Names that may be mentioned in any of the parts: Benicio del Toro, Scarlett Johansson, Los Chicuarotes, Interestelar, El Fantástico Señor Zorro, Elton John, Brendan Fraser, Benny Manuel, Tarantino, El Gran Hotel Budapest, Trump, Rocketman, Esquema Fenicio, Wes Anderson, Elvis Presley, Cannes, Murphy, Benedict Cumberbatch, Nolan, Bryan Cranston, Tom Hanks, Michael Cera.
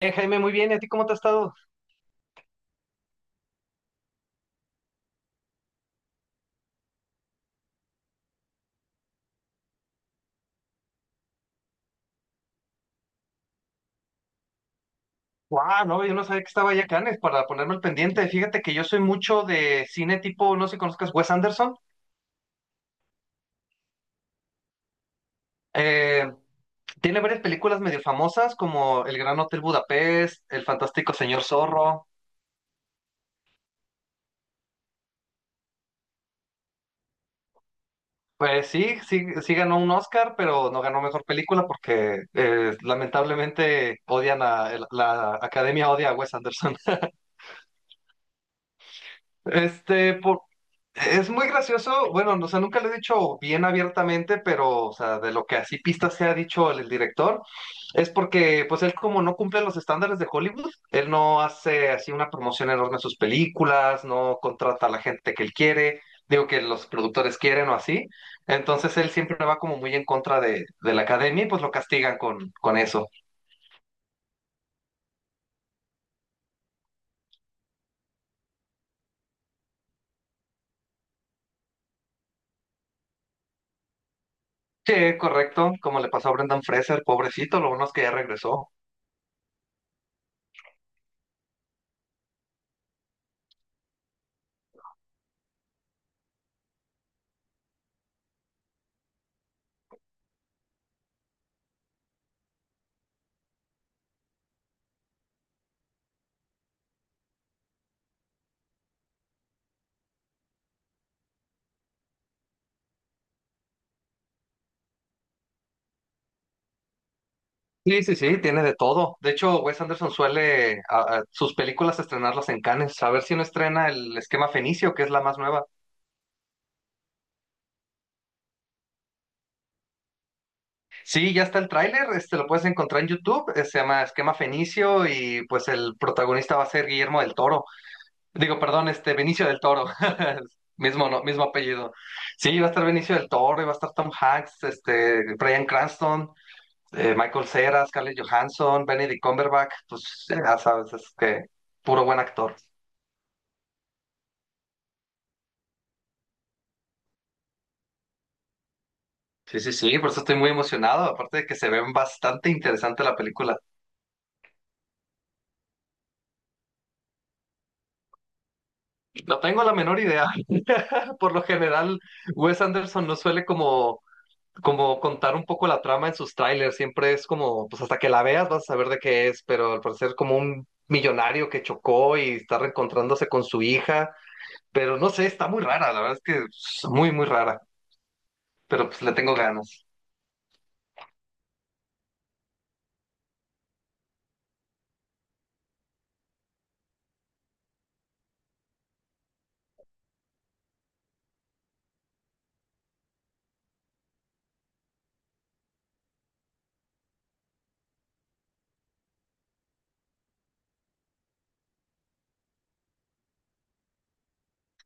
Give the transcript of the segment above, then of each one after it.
Jaime, muy bien, ¿y a ti cómo te ha estado? Guau, no, yo no sabía que estaba ya Cannes para ponerme al pendiente. Fíjate que yo soy mucho de cine tipo, no sé si conozcas Wes Anderson. Eh, Tiene varias películas medio famosas como El Gran Hotel Budapest, El Fantástico Señor Zorro. Pues sí, sí, sí ganó un Oscar, pero no ganó mejor película porque lamentablemente odian a la Academia odia a Wes Anderson. Este, es muy gracioso, bueno, no, o sea, nunca lo he dicho bien abiertamente, pero, o sea, de lo que así pista se ha dicho el director, es porque, pues, él como no cumple los estándares de Hollywood, él no hace así una promoción enorme de sus películas, no contrata a la gente que él quiere, digo que los productores quieren o así, entonces él siempre va como muy en contra de la academia y pues lo castigan con eso. Sí, correcto, como le pasó a Brendan Fraser, pobrecito, lo bueno es que ya regresó. Sí, sí, sí, tiene de todo. De hecho, Wes Anderson suele a sus películas estrenarlas en Cannes. A ver si no estrena el Esquema Fenicio, que es la más nueva. Sí, ya está el tráiler, este lo puedes encontrar en YouTube, se llama Esquema Fenicio y pues el protagonista va a ser Guillermo del Toro. Digo, perdón, este Benicio del Toro. Mismo, no, mismo apellido. Sí, va a estar Benicio del Toro, y va a estar Tom Hanks, este Bryan Cranston, Michael Cera, Scarlett Johansson, Benedict Cumberbatch, pues ya sabes, es que puro buen actor. Sí, sí, sí, por eso estoy muy emocionado, aparte de que se ven bastante interesante la película. No tengo la menor idea. Por lo general, Wes Anderson no suele como, como contar un poco la trama en sus trailers, siempre es como, pues hasta que la veas vas a saber de qué es, pero al parecer como un millonario que chocó y está reencontrándose con su hija, pero no sé, está muy rara, la verdad es que es muy, muy rara, pero pues le tengo ganas.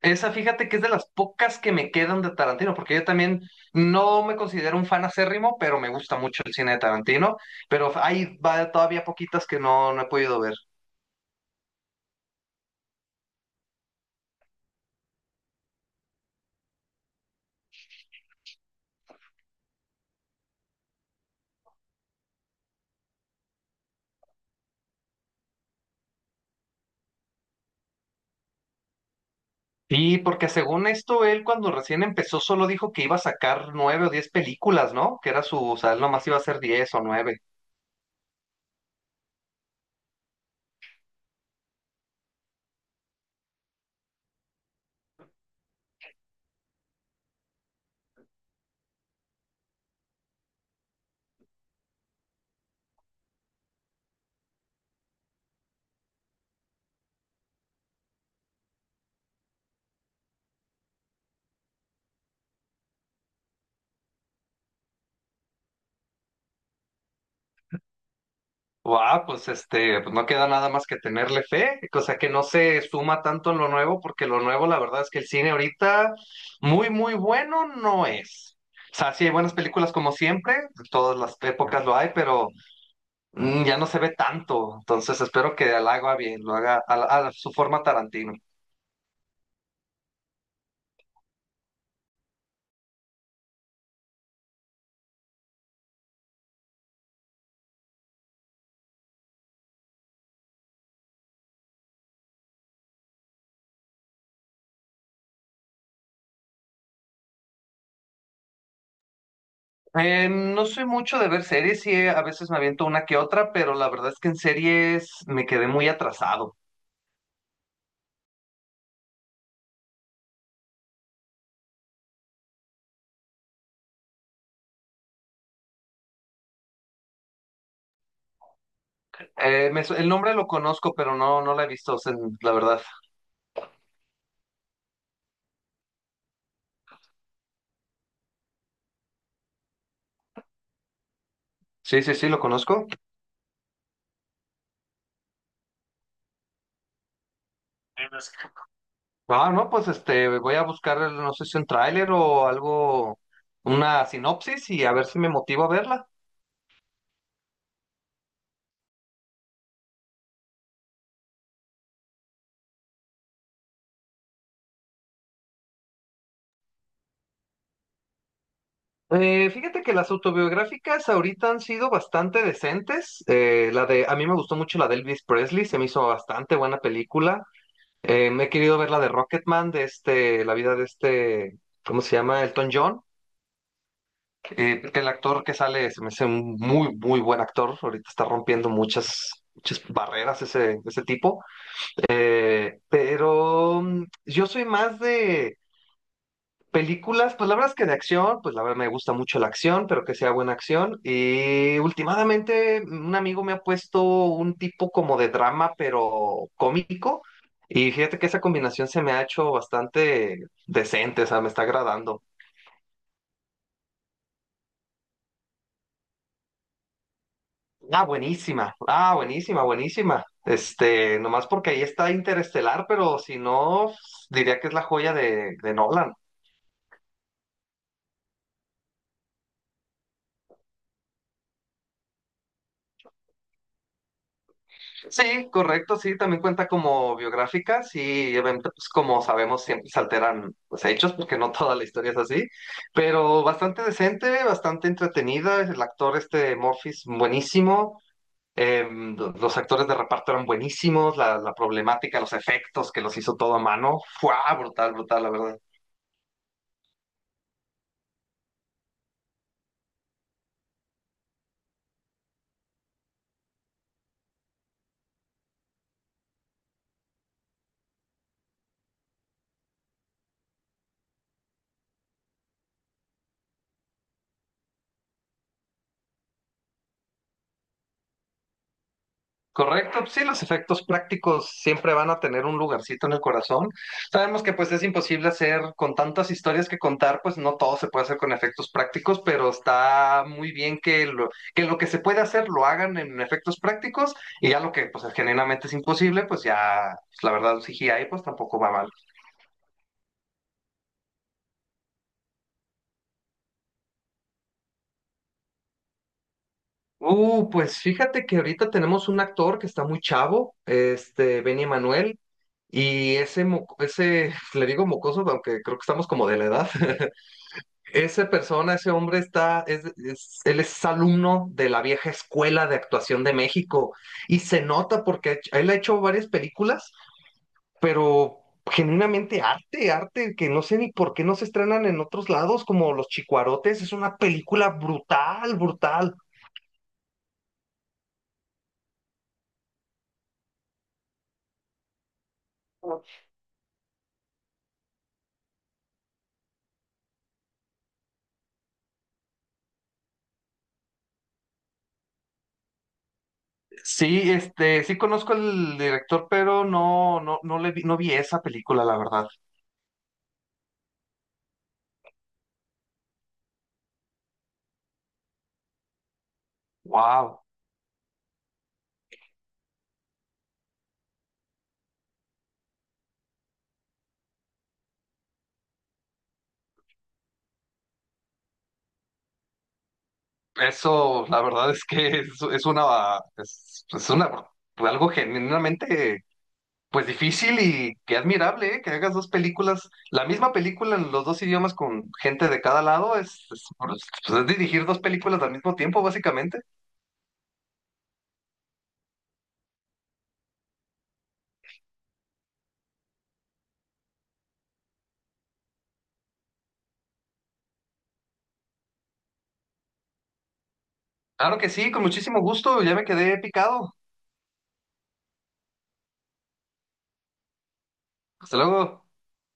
Esa, fíjate que es de las pocas que me quedan de Tarantino, porque yo también no me considero un fan acérrimo, pero me gusta mucho el cine de Tarantino, pero hay todavía poquitas que no, no he podido ver. Y porque según esto, él cuando recién empezó solo dijo que iba a sacar nueve o diez películas, ¿no? Que era su, o sea, él nomás iba a hacer diez o nueve. Wow, pues este, pues no queda nada más que tenerle fe, cosa que no se suma tanto en lo nuevo, porque lo nuevo, la verdad es que el cine ahorita muy, muy bueno no es. O sea, sí hay buenas películas como siempre, de todas las épocas lo hay, pero ya no se ve tanto. Entonces espero que lo haga bien, lo haga a su forma Tarantino. No soy mucho de ver series, sí, a veces me aviento una que otra, pero la verdad es que en series me quedé muy atrasado. El nombre lo conozco, pero no, no la he visto, o sea, la verdad. Sí, sí, sí, lo conozco. Ah, no, pues este, voy a buscar, no sé si un tráiler o algo, una sinopsis y a ver si me motivo a verla. Fíjate que las autobiográficas ahorita han sido bastante decentes. La de, a mí me gustó mucho la de Elvis Presley, se me hizo bastante buena película. Me he querido ver la de Rocketman, de este, la vida de este, ¿cómo se llama? Elton John. Que el actor que sale se me hace un muy, muy buen actor. Ahorita está rompiendo muchas, muchas barreras ese, ese tipo. Pero yo soy más de películas, pues la verdad es que de acción, pues la verdad me gusta mucho la acción, pero que sea buena acción. Y últimamente un amigo me ha puesto un tipo como de drama, pero cómico. Y fíjate que esa combinación se me ha hecho bastante decente, o sea, me está agradando. Ah, buenísima, buenísima. Este, nomás porque ahí está Interestelar, pero si no, diría que es la joya de Nolan. Sí, correcto, sí, también cuenta como biográfica, sí, obviamente, pues como sabemos, siempre se alteran pues, hechos, porque no toda la historia es así, pero bastante decente, bastante entretenida, el actor este Murphy es buenísimo, los actores de reparto eran buenísimos, la problemática, los efectos que los hizo todo a mano, fue brutal, brutal, la verdad. Correcto, sí, los efectos prácticos siempre van a tener un lugarcito en el corazón. Sabemos que pues es imposible hacer con tantas historias que contar, pues no todo se puede hacer con efectos prácticos, pero está muy bien que lo que se puede hacer lo hagan en efectos prácticos y ya lo que pues genuinamente es imposible, pues ya pues, la verdad un CGI pues tampoco va mal. Pues fíjate que ahorita tenemos un actor que está muy chavo, este Benny Manuel. Y ese, ese, le digo mocoso, aunque creo que estamos como de la edad. Esa persona, ese hombre está, él es alumno de la vieja escuela de actuación de México y se nota porque él ha hecho varias películas, pero genuinamente arte, arte que no sé ni por qué no se estrenan en otros lados, como Los Chicuarotes, es una película brutal, brutal. Sí, este, sí conozco al director, pero no, no, no le vi, no vi esa película, la verdad. Wow. Eso, la verdad es que es una, algo genuinamente, pues difícil y que admirable, ¿eh? Que hagas dos películas, la misma película en los dos idiomas con gente de cada lado, pues, es dirigir dos películas al mismo tiempo, básicamente. Claro que sí, con muchísimo gusto, ya me quedé picado. Hasta luego.